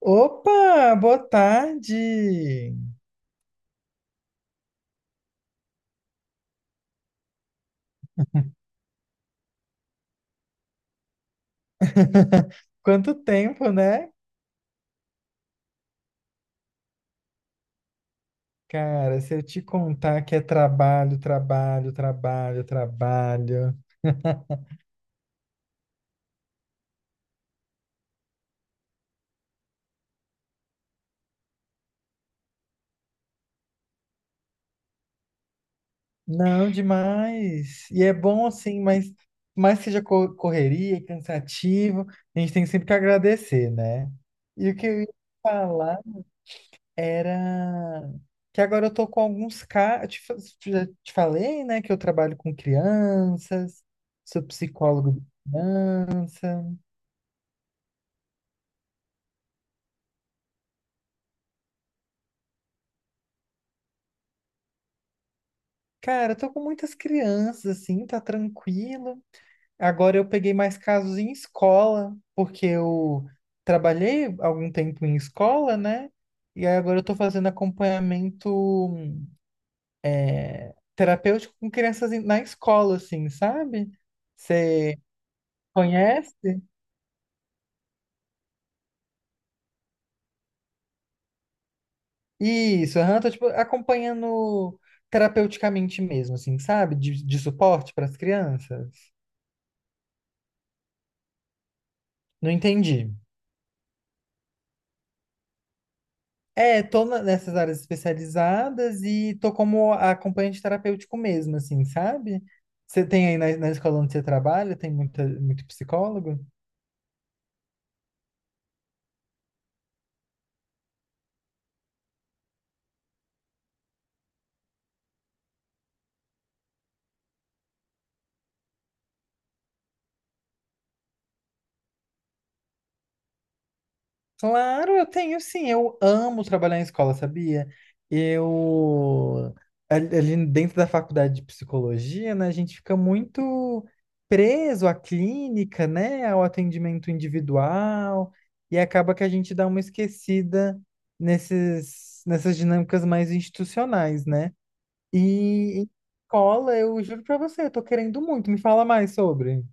Opa, boa tarde! Quanto tempo, né? Cara, se eu te contar que é trabalho, trabalho, trabalho, trabalho. Não, demais. E é bom assim, mas mais que seja correria, cansativo, a gente tem sempre que agradecer, né? E o que eu ia falar era que agora eu tô com alguns casos. Já te falei, né, que eu trabalho com crianças, sou psicólogo de criança. Cara, eu tô com muitas crianças, assim, tá tranquilo. Agora eu peguei mais casos em escola, porque eu trabalhei algum tempo em escola, né? E aí agora eu tô fazendo acompanhamento terapêutico com crianças na escola, assim, sabe? Você conhece? Isso, aham, tô, tipo, acompanhando terapeuticamente mesmo, assim, sabe? De suporte para as crianças. Não entendi. É, tô nessas áreas especializadas e tô como acompanhante terapêutico mesmo, assim, sabe? Você tem aí na escola onde você trabalha, tem muita, muito psicólogo? Claro, eu tenho sim. Eu amo trabalhar em escola, sabia? Eu. Ali dentro da faculdade de psicologia, né, a gente fica muito preso à clínica, né, ao atendimento individual, e acaba que a gente dá uma esquecida nessas dinâmicas mais institucionais, né? E em escola, eu juro pra você, eu tô querendo muito. Me fala mais sobre.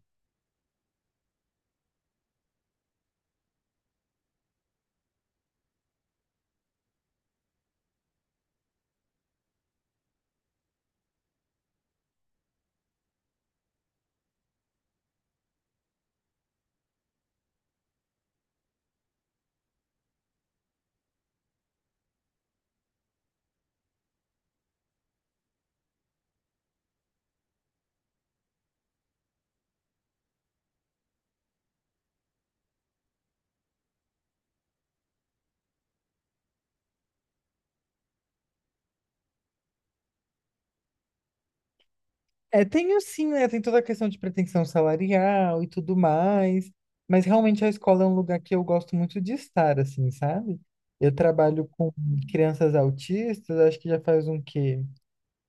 É, tem o sim, né? Tem toda a questão de pretensão salarial e tudo mais. Mas realmente a escola é um lugar que eu gosto muito de estar, assim, sabe? Eu trabalho com crianças autistas, acho que já faz um quê?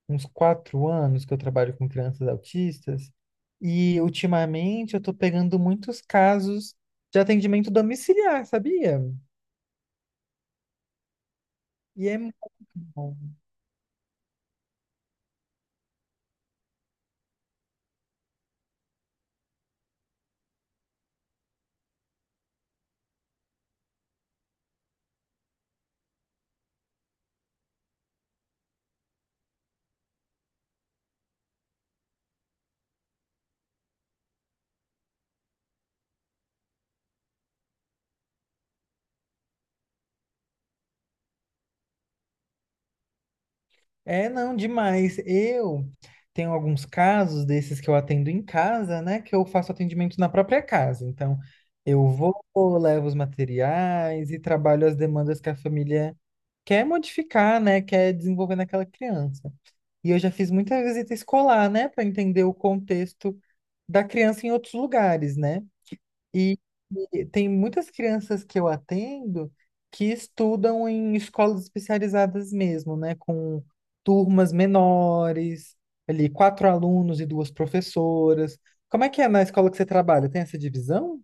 Uns quatro anos que eu trabalho com crianças autistas. E ultimamente eu tô pegando muitos casos de atendimento domiciliar, sabia? E é muito bom. É, não, demais. Eu tenho alguns casos desses que eu atendo em casa, né? Que eu faço atendimento na própria casa. Então, eu vou, levo os materiais e trabalho as demandas que a família quer modificar, né? Quer desenvolver naquela criança. E eu já fiz muita visita escolar, né, para entender o contexto da criança em outros lugares, né? E, e tem muitas crianças que eu atendo que estudam em escolas especializadas mesmo, né? Com turmas menores, ali quatro alunos e duas professoras. Como é que é na escola que você trabalha? Tem essa divisão?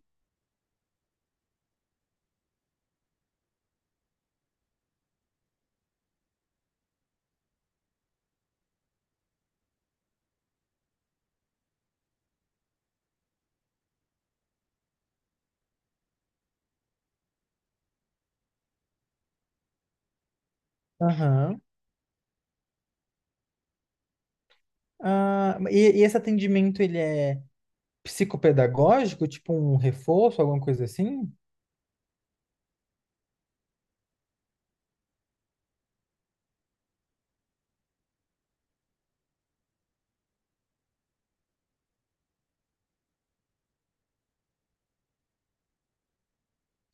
Aham. Ah, e esse atendimento, ele é psicopedagógico, tipo um reforço, alguma coisa assim?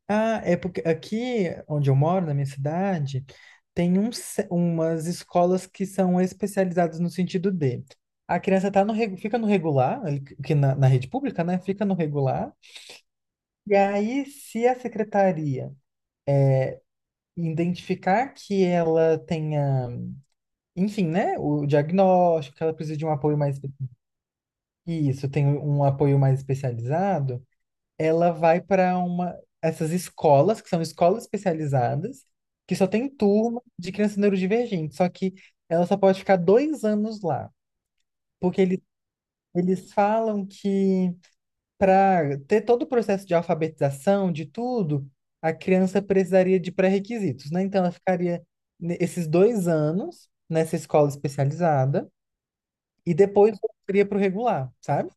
Ah, é porque aqui onde eu moro, na minha cidade, tem um, umas escolas que são especializadas no sentido de a criança tá no, fica no regular, ali que na rede pública, né? Fica no regular. E aí, se a secretaria identificar que ela tenha, enfim, né? O diagnóstico, que ela precisa de um apoio mais. Isso, tem um apoio mais especializado. Ela vai para uma essas escolas, que são escolas especializadas, que só tem turma de crianças neurodivergentes, só que ela só pode ficar dois anos lá, porque eles falam que para ter todo o processo de alfabetização, de tudo, a criança precisaria de pré-requisitos, né? Então ela ficaria esses dois anos nessa escola especializada e depois voltaria para o regular, sabe?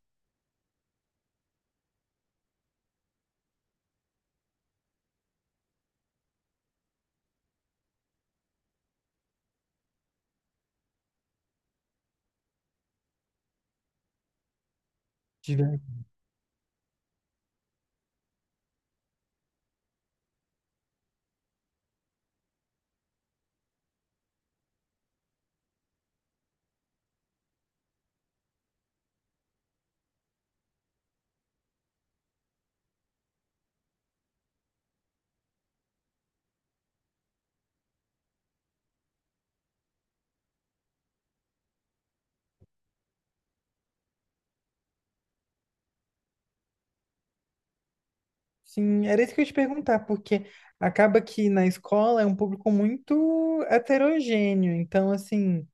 Sim, era isso que eu ia te perguntar, porque acaba que na escola é um público muito heterogêneo. Então, assim,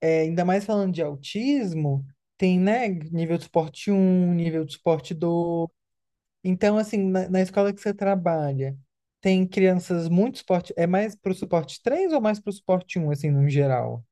é, ainda mais falando de autismo, tem, né, nível de suporte um nível de suporte 2. Então, assim, na escola que você trabalha, tem crianças muito suporte. É mais pro suporte 3 ou mais pro suporte um assim, no geral?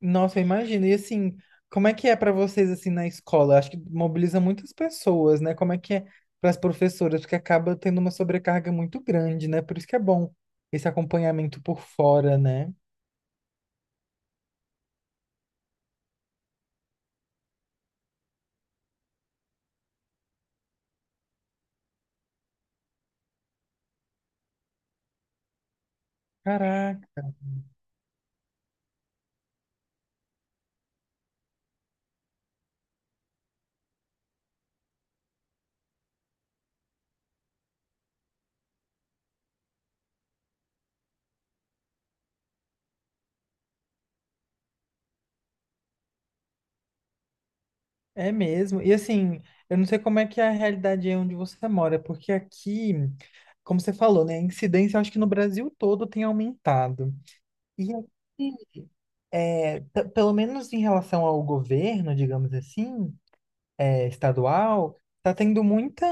Nossa, eu imagino. E assim, como é que é para vocês assim na escola? Acho que mobiliza muitas pessoas, né? Como é que é para as professoras? Porque acaba tendo uma sobrecarga muito grande, né? Por isso que é bom esse acompanhamento por fora, né? Caraca, é mesmo. E assim, eu não sei como é que é a realidade aí onde você mora, porque aqui, como você falou, né? A incidência, eu acho que no Brasil todo tem aumentado. E aqui, pelo menos em relação ao governo, digamos assim. É, estadual, está tendo muita,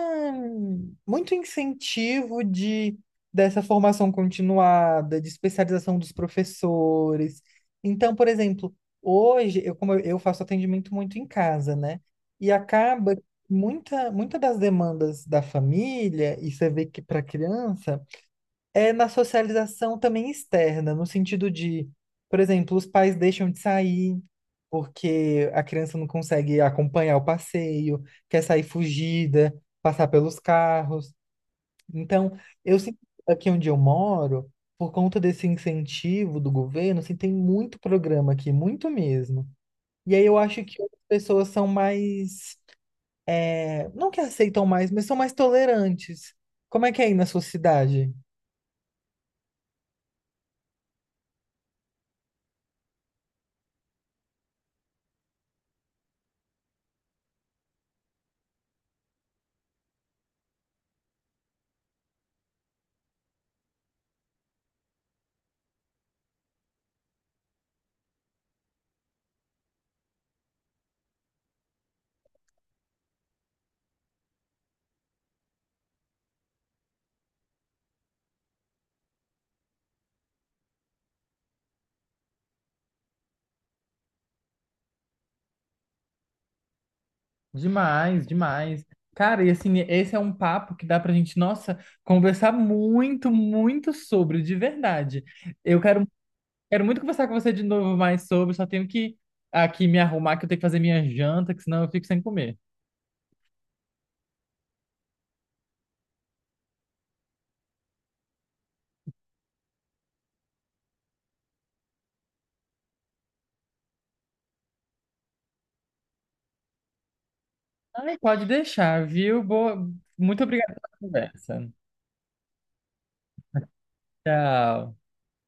muito incentivo de, dessa formação continuada, de especialização dos professores. Então, por exemplo, hoje, eu, como eu faço atendimento muito em casa, né? E acaba muita, muita das demandas da família, e você vê que para criança é na socialização também externa, no sentido de, por exemplo, os pais deixam de sair porque a criança não consegue acompanhar o passeio, quer sair fugida, passar pelos carros. Então, eu sinto que aqui onde eu moro, por conta desse incentivo do governo, assim, tem muito programa aqui, muito mesmo. E aí eu acho que outras pessoas são mais, é, não que aceitam mais, mas são mais tolerantes. Como é que é aí na sua cidade? Demais, demais. Cara, e assim, esse é um papo que dá pra gente, nossa, conversar muito, muito sobre, de verdade. Eu quero, quero muito conversar com você de novo mais sobre, só tenho que aqui me arrumar, que eu tenho que fazer minha janta, que senão eu fico sem comer. Ai, pode deixar, viu? Boa... Muito obrigada pela conversa. Tchau.